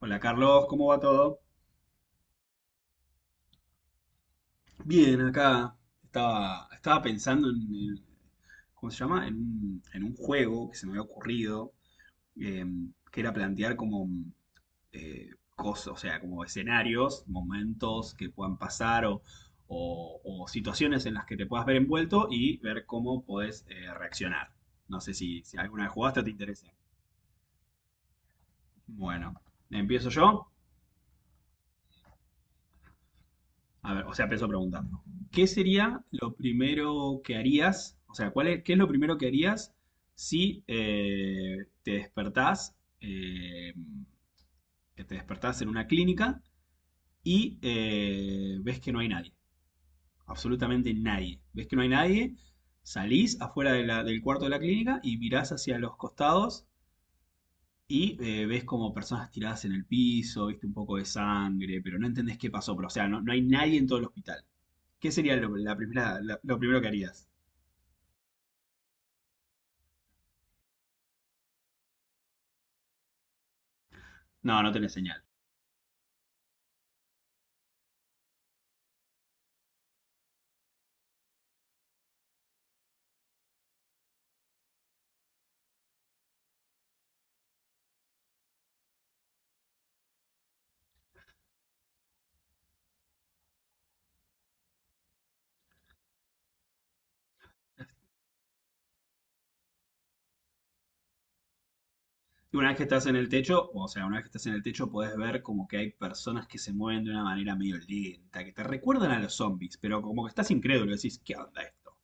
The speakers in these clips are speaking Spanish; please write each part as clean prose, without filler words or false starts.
Hola Carlos, ¿cómo va todo? Bien, acá estaba pensando en ¿cómo se llama? En un juego que se me había ocurrido, eh, que era plantear como eh, cosas, o sea, como escenarios, momentos que puedan pasar o situaciones en las que te puedas ver envuelto y ver cómo podés reaccionar. No sé si alguna vez jugaste o te interesa. Bueno, empiezo yo. A ver, o sea, empiezo preguntando. ¿Qué sería lo primero que harías? O sea, ¿cuál es, qué es lo primero que harías si te despertás, eh, que te despertás en una clínica y ves que no hay nadie? Absolutamente nadie. Ves que no hay nadie, salís afuera de del cuarto de la clínica y mirás hacia los costados y ves como personas tiradas en el piso, viste un poco de sangre, pero no entendés qué pasó. Pero, o sea, no, no hay nadie en todo el hospital. ¿Qué sería la primera, lo primero que harías? No, no tenés señal. Y una vez que estás en el techo, o sea, una vez que estás en el techo, podés ver como que hay personas que se mueven de una manera medio lenta, que te recuerdan a los zombies, pero como que estás incrédulo, decís, ¿qué onda esto?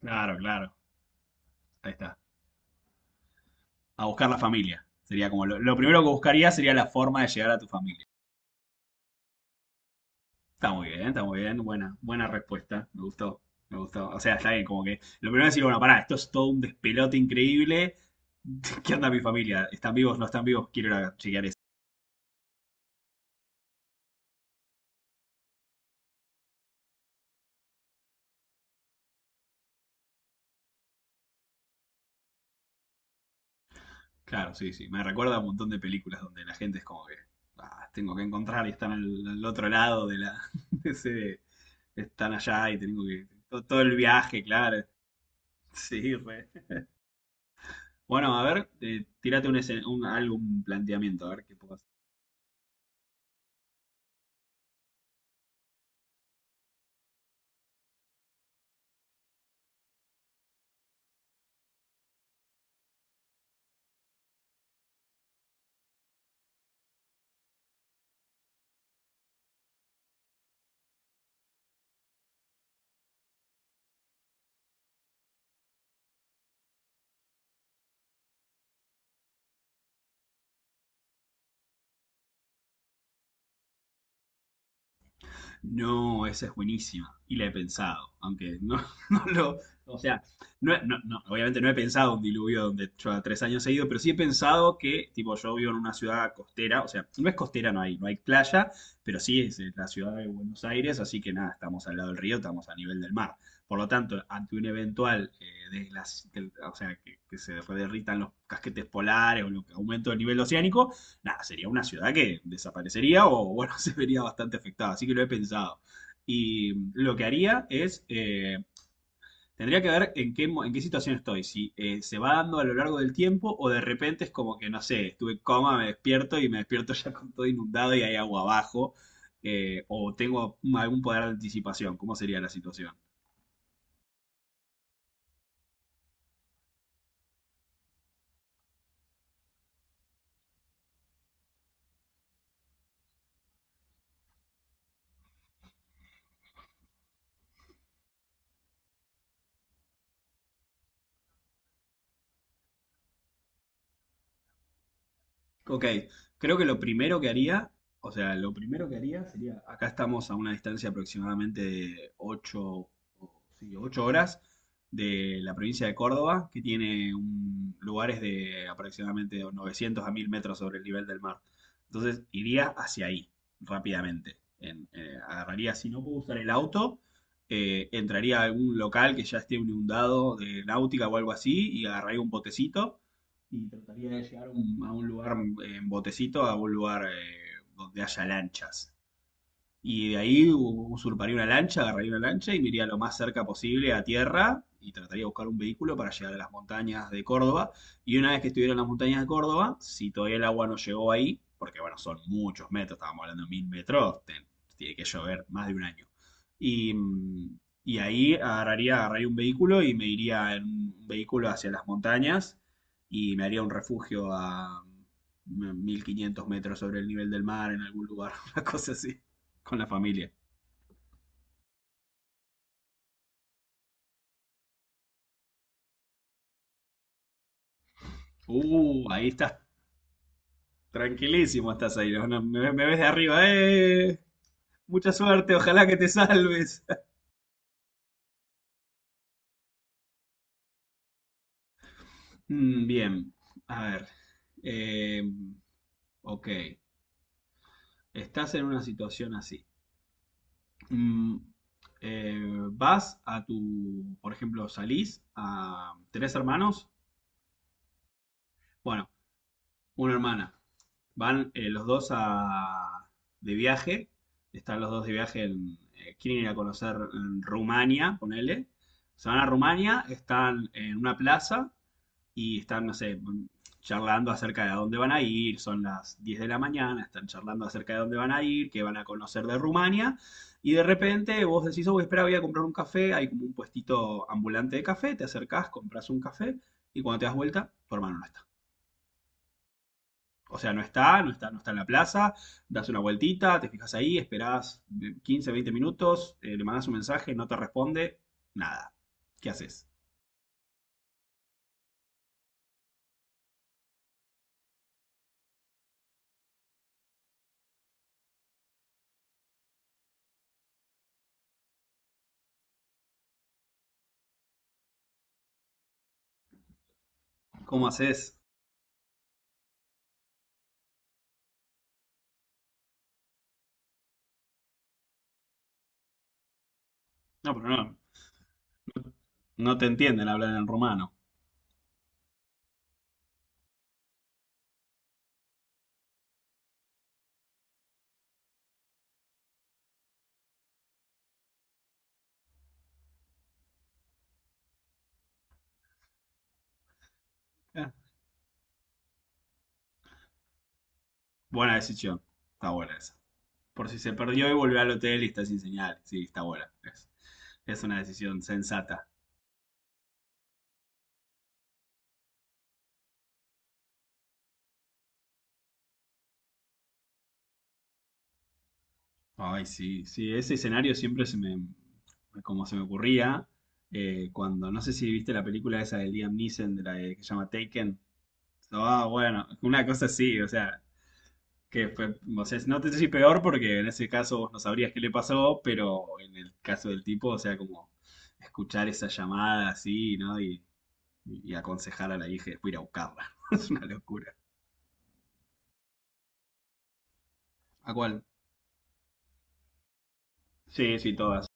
Claro, claro, ahí está. A buscar la familia. Sería como lo primero que buscaría sería la forma de llegar a tu familia. Está muy bien, está muy bien. Buena, buena respuesta. Me gustó, me gustó. O sea, está bien, como que lo primero es decir, bueno, pará, esto es todo un despelote increíble. ¿Qué onda mi familia? ¿Están vivos? ¿No están vivos? Quiero ir a chequear eso. Claro, sí, sí. Me recuerda a un montón de películas donde la gente es como que, ah, tengo que encontrar y están al otro lado de la, de ese, están allá y tengo que, todo, todo el viaje, claro. Sí, re. Bueno, a ver, tírate algún planteamiento, a ver qué puedo no, esa es buenísima. Y la he pensado, aunque no, no lo... O sea, no, no, no, obviamente no he pensado un diluvio donde yo a 3 años he ido, pero sí he pensado que, tipo, yo vivo en una ciudad costera, o sea, no es costera, no hay, no hay playa, pero sí es la ciudad de Buenos Aires, así que nada, estamos al lado del río, estamos a nivel del mar. Por lo tanto, ante un eventual, de o sea, que se derritan los casquetes polares o lo que aumento del nivel oceánico, nada, sería una ciudad que desaparecería o, bueno, se vería bastante afectada. Así que lo he pensado. Y lo que haría es, tendría que ver en qué, en qué situación estoy, si se va dando a lo largo del tiempo o de repente es como que, no sé, estuve en coma, me despierto y me despierto ya con todo inundado y hay agua abajo, o tengo algún poder de anticipación, ¿cómo sería la situación? Ok, creo que lo primero que haría, o sea, lo primero que haría sería, acá estamos a una distancia aproximadamente de 8 horas de la provincia de Córdoba, que tiene un- lugares de aproximadamente 900 a 1000 metros sobre el nivel del mar. Entonces iría hacia ahí rápidamente. Agarraría, si no puedo usar el auto, entraría a algún local que ya esté inundado de náutica o algo así y agarraría un botecito y trataría de llegar a a un lugar en botecito, a un lugar donde haya lanchas. Y de ahí usurparía una lancha, agarraría una lancha y me iría lo más cerca posible a tierra y trataría de buscar un vehículo para llegar a las montañas de Córdoba. Y una vez que estuviera en las montañas de Córdoba, si todavía el agua no llegó ahí, porque bueno, son muchos metros, estábamos hablando de 1000 metros, tiene que llover más de un año. Y, mm, y ahí agarraría, agarraría un vehículo y me iría en un vehículo hacia las montañas y me haría un refugio a 1500 metros sobre el nivel del mar en algún lugar, una cosa así. Con la familia. Ahí estás. Tranquilísimo estás ahí. ¿No? No, me ves de arriba. ¡Eh! Mucha suerte, ojalá que te salves. Mm, bien, a ver. Eh, ok, estás en una situación así. Mm, eh, vas a tu, por ejemplo, salís a tres hermanos. Bueno, una hermana. Van los dos a, de viaje, están los dos de viaje, en, quieren ir a conocer en Rumania, ponele. Se van a Rumania, están en una plaza y están, no sé, charlando acerca de a dónde van a ir, son las 10 de la mañana, están charlando acerca de dónde van a ir, qué van a conocer de Rumania, y de repente vos decís, oh, espera, voy a comprar un café, hay como un puestito ambulante de café, te acercás, compras un café, y cuando te das vuelta, tu hermano no está. O sea, no está, no está, no está en la plaza, das una vueltita, te fijas ahí, esperás 15, 20 minutos, le mandás un mensaje, no te responde, nada. ¿Qué haces? ¿Cómo haces? No, pero no, no te entienden hablar en rumano. Eh, buena decisión, está buena esa. Por si se perdió y volvió al hotel y está sin señal, sí, está buena. Es una decisión sensata. Ay, sí, sí, ese escenario siempre se me, como se me ocurría, cuando, no sé si viste la película esa de Liam Neeson, de que se llama Taken. Ah, bueno, una cosa así, o sea, que fue, o sea, no te sé si peor porque en ese caso vos no sabrías qué le pasó, pero en el caso del tipo, o sea, como escuchar esa llamada así, ¿no? Y aconsejar a la hija y después ir a buscarla. Es una locura. ¿A cuál? Sí, sí, todas.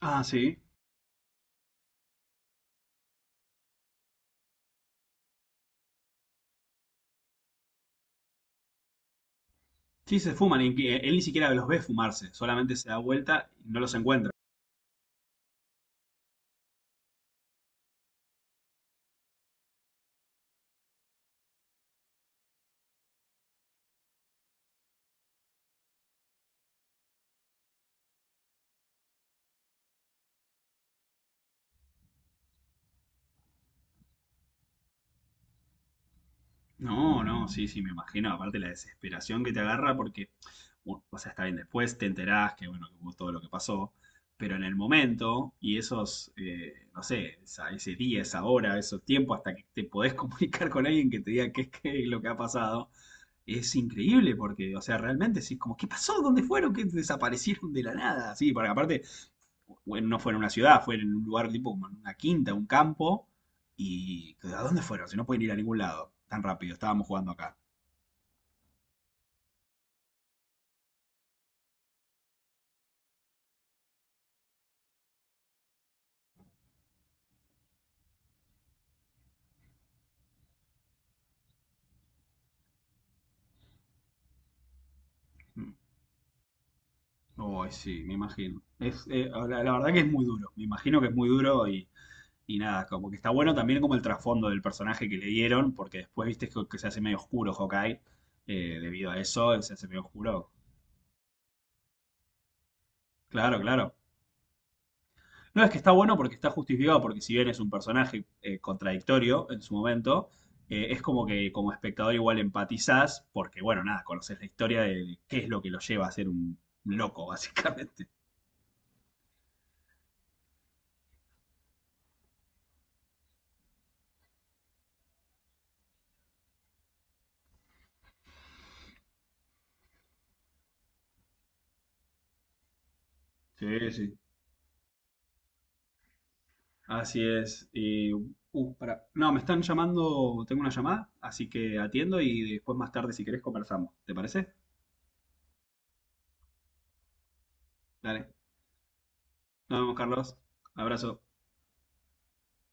Ah, sí. Sí, se fuman, y que él ni siquiera los ve fumarse, solamente se da vuelta y no los encuentra. No, no, sí, sí, me imagino. Aparte la desesperación que te agarra porque, bueno, o sea, está bien, después te enterás que, bueno, que hubo todo lo que pasó, pero en el momento y esos, no sé, ese día, esa hora, esos tiempos hasta que te podés comunicar con alguien que te diga qué, qué es lo que ha pasado, es increíble porque, o sea, realmente sí, como, ¿qué pasó? ¿Dónde fueron? ¿Qué desaparecieron de la nada? Sí, porque aparte, bueno, no fue en una ciudad, fue en un lugar tipo como en una quinta, un campo. ¿Y a dónde fueron? Si no pueden ir a ningún lado tan rápido, estábamos jugando acá. Oh, sí, me imagino. Es, la, la verdad que es muy duro. Me imagino que es muy duro y nada, como que está bueno también como el trasfondo del personaje que le dieron, porque después viste que se hace medio oscuro Hawkeye debido a eso, se hace medio oscuro. Claro, claro. No, es que está bueno porque está justificado, porque si bien es un personaje contradictorio en su momento, es como que como espectador igual empatizás, porque bueno, nada, conoces la historia de qué es lo que lo lleva a ser un loco, básicamente. Sí, sí. Así es. Y, pará. No, me están llamando, tengo una llamada, así que atiendo y después más tarde si querés conversamos. ¿Te parece? Dale. Nos vemos, Carlos. Abrazo.